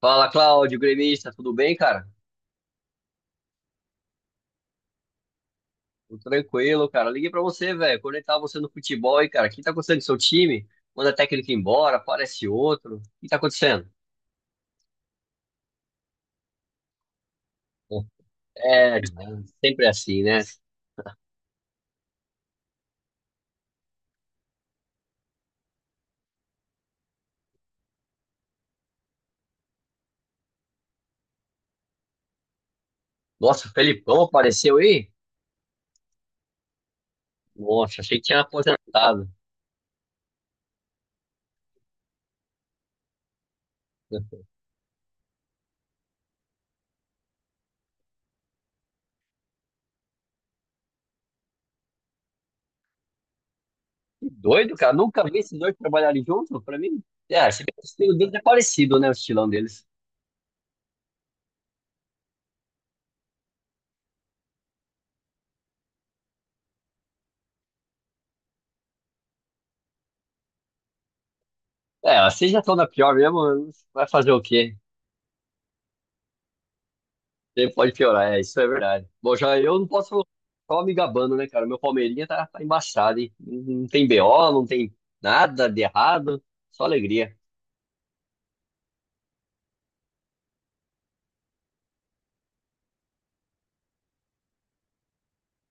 Fala, Cláudio, gremista, tudo bem, cara? Tudo tranquilo, cara. Liguei pra você, velho. Conectar você no futebol aí, cara. O que tá acontecendo com seu time? Manda técnico embora, aparece outro. O que tá acontecendo? É, é, sempre assim, né? Nossa, o Felipão apareceu aí? Nossa, achei que tinha aposentado. Que doido, cara. Nunca vi esses dois trabalharem juntos, pra mim. É, se bem que o estilo deles é parecido, né? O estilão deles. É, vocês já estão na pior mesmo, vai fazer o quê? Sempre pode piorar, é, isso é verdade. Bom, já eu não posso só me gabando, né, cara? Meu Palmeirinha tá embaçado, hein? Não tem BO, não tem nada de errado, só alegria.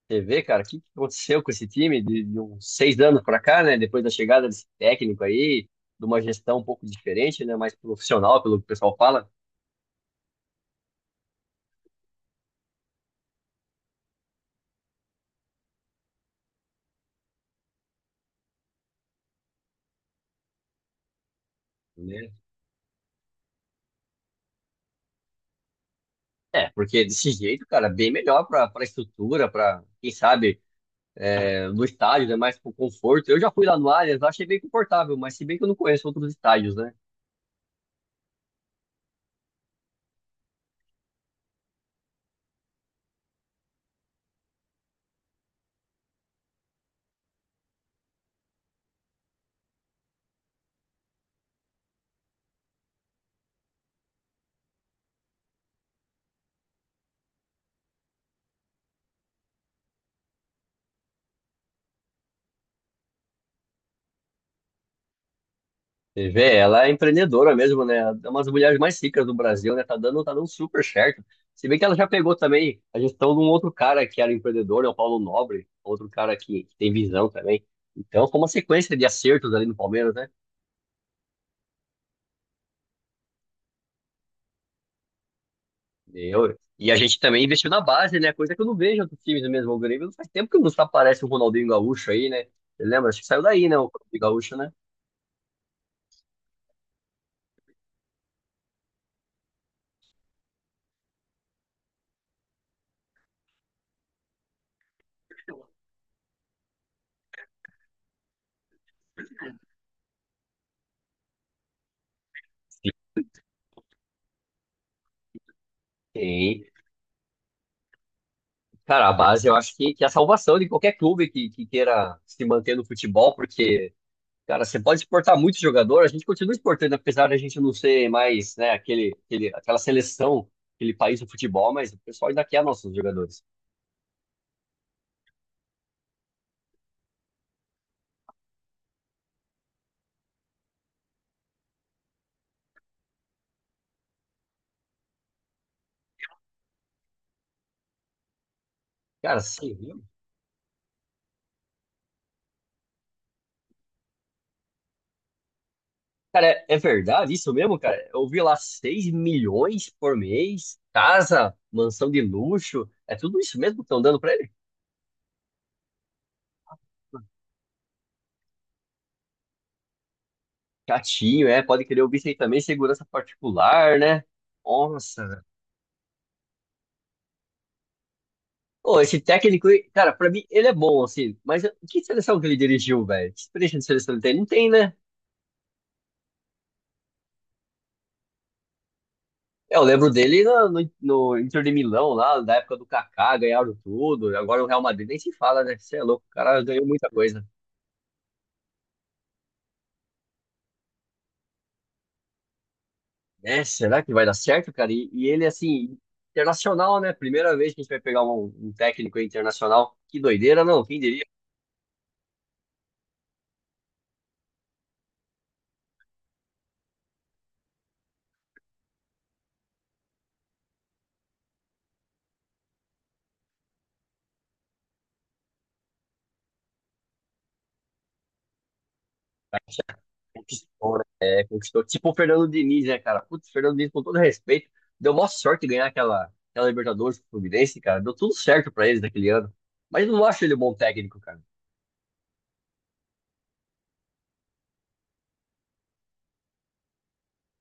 Você vê, cara, o que que aconteceu com esse time de uns seis anos pra cá, né? Depois da chegada desse técnico aí, de uma gestão um pouco diferente, né? Mais profissional, pelo que o pessoal fala, né? É, porque desse jeito, cara, bem melhor pra estrutura, pra, quem sabe, é, no estádio, né? Mais pro conforto. Eu já fui lá no Allianz, lá achei bem confortável, mas se bem que eu não conheço outros estádios, né? Você vê, ela é empreendedora mesmo, né? É uma das mulheres mais ricas do Brasil, né? Tá dando super certo. Se bem que ela já pegou também a gestão de um outro cara que era empreendedor, né? O Paulo Nobre, outro cara que tem visão também. Então, foi uma sequência de acertos ali no Palmeiras, né? E a gente também investiu na base, né? Coisa que eu não vejo em outros times mesmo. O Grêmio faz tempo que não aparece o Ronaldinho Gaúcho aí, né? Você lembra? Acho que saiu daí, né? O Ronaldinho Gaúcho, né? Sim. Cara, a base eu acho que é a salvação de qualquer clube que queira se manter no futebol, porque, cara, você pode exportar muito jogador, a gente continua exportando, apesar da gente não ser mais, né, aquele, aquele, aquela seleção, aquele país do futebol, mas o pessoal ainda quer nossos jogadores. Cara, sim, viu? Cara, é, é verdade isso mesmo, cara? Eu vi lá 6 milhões por mês, casa, mansão de luxo, é tudo isso mesmo que estão dando pra ele? Chatinho, é, pode querer ouvir bicho aí também, segurança particular, né? Nossa, velho. Ô, esse técnico, aí, cara, pra mim ele é bom, assim, mas que seleção que ele dirigiu, velho? Que experiência de seleção ele tem? Não tem, né? É, eu lembro dele no Inter de Milão, lá, da época do Kaká, ganharam tudo. Agora o Real Madrid nem se fala, né? Você é louco, o cara ganhou muita coisa. É, será que vai dar certo, cara? E ele, assim, internacional, né? Primeira vez que a gente vai pegar um técnico internacional. Que doideira, não? Quem diria? O cara, já conquistou, né? É, conquistou. Tipo o Fernando Diniz, né, cara? Putz, o Fernando Diniz, com todo respeito, deu maior sorte de ganhar aquela Libertadores com o Fluminense, cara. Deu tudo certo pra eles naquele ano. Mas eu não acho ele um bom técnico, cara.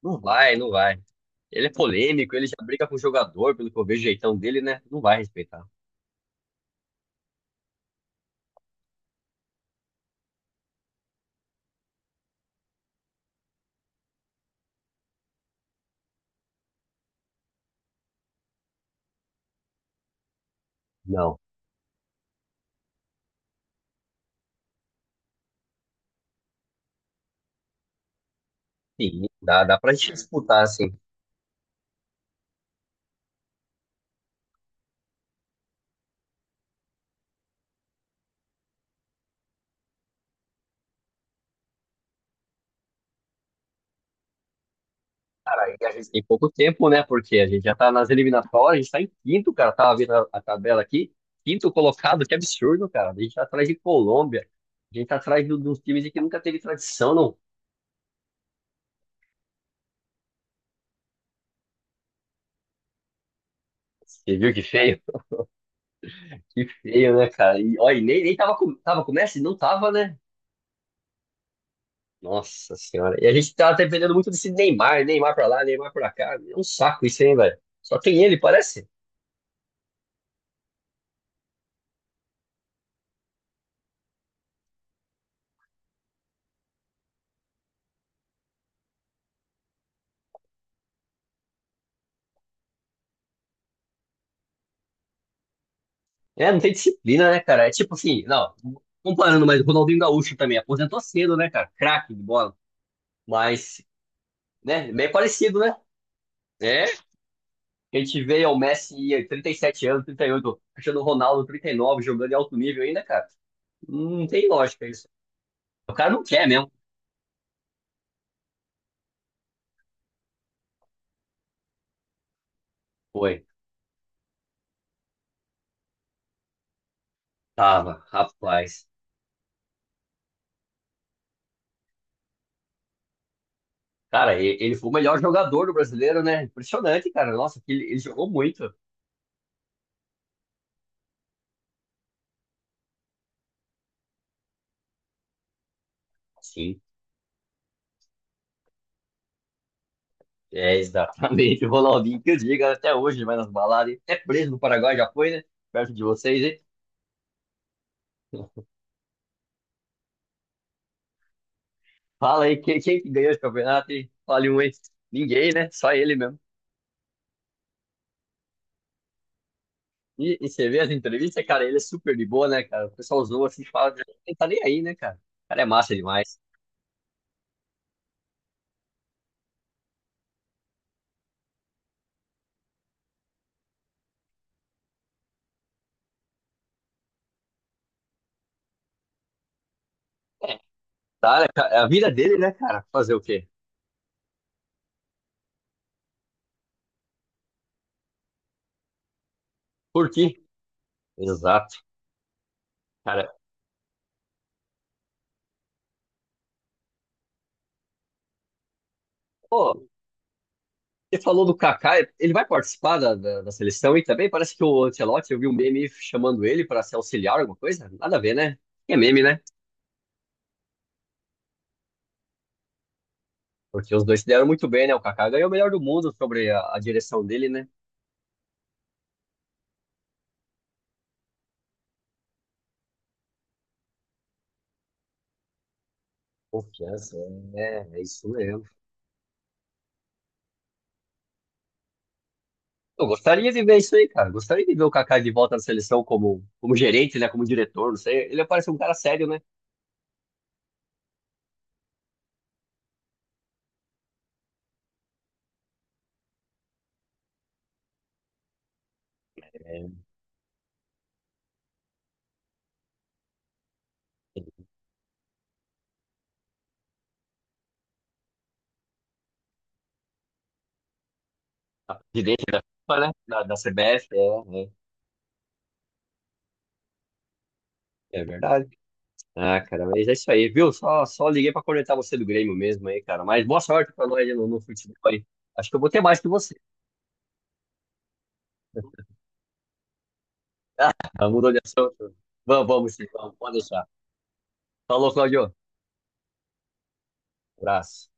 Não vai, não vai. Ele é polêmico, ele já briga com o jogador, pelo que eu vejo o jeitão dele, né? Não vai respeitar. Não. Sim, dá, dá pra gente disputar, assim. Cara, e a gente tem pouco tempo, né? Porque a gente já tá nas eliminatórias, a gente tá em quinto, cara. Tava vendo a tabela aqui. Quinto colocado, que absurdo, cara. A gente tá atrás de Colômbia. A gente tá atrás de uns times que nunca teve tradição, não. Você viu que feio? Que feio, né, cara? E, olha, e nem tava com o Messi? Não tava, né? Nossa senhora. E a gente tá dependendo muito desse Neymar, Neymar pra lá, Neymar pra cá. É um saco isso, hein, velho? Só tem ele, parece. É, não tem disciplina, né, cara? É tipo assim, não, comparando, mas o Ronaldinho Gaúcho também aposentou cedo, né, cara? Craque de bola. Mas, né, bem parecido, né? É, a gente vê o Messi em 37 anos, 38, Cristiano Ronaldo 39, jogando em alto nível ainda, cara. Não tem lógica isso. O cara não quer mesmo. Foi. Tava, rapaz. Cara, ele foi o melhor jogador do brasileiro, né? Impressionante, cara. Nossa, que ele jogou muito. Sim, é exatamente o Ronaldinho que eu digo até hoje, vai nas baladas. Até preso no Paraguai já foi, né? Perto de vocês, hein? Fala aí, quem que ganhou esse campeonato, hein? Fale um aí. Ninguém, né? Só ele mesmo. E você vê as entrevistas, cara, ele é super de boa, né, cara? O pessoal zoa assim, fala, ele tá nem aí, né, cara? O cara é massa demais. É, tá, né, cara? É a vida dele, né, cara? Fazer o quê? Curtir. Exato, cara. Pô, você falou do Kaká, ele vai participar da seleção e também parece que o Ancelotti, eu vi um meme chamando ele para ser auxiliar, alguma coisa. Nada a ver, né? É meme, né? Porque os dois se deram muito bem, né? O Kaká ganhou o melhor do mundo sobre a direção dele, né? Confiança, é, é isso mesmo. Eu gostaria de ver isso aí, cara. Gostaria de ver o Kaká de volta na seleção como, como gerente, né? Como diretor, não sei. Ele parece um cara sério, né? É, presidente da FIFA, né? Da CBF, é, é, é verdade. Ah, cara, mas é isso aí, viu? Só, só liguei pra conectar você do Grêmio mesmo aí, cara. Mas boa sorte pra nós aí no futebol aí. Acho que eu vou ter mais que você. Ah, mudou de assunto. Vamos, vamos sim, vamos, pode deixar. Falou, Claudio. Abraço.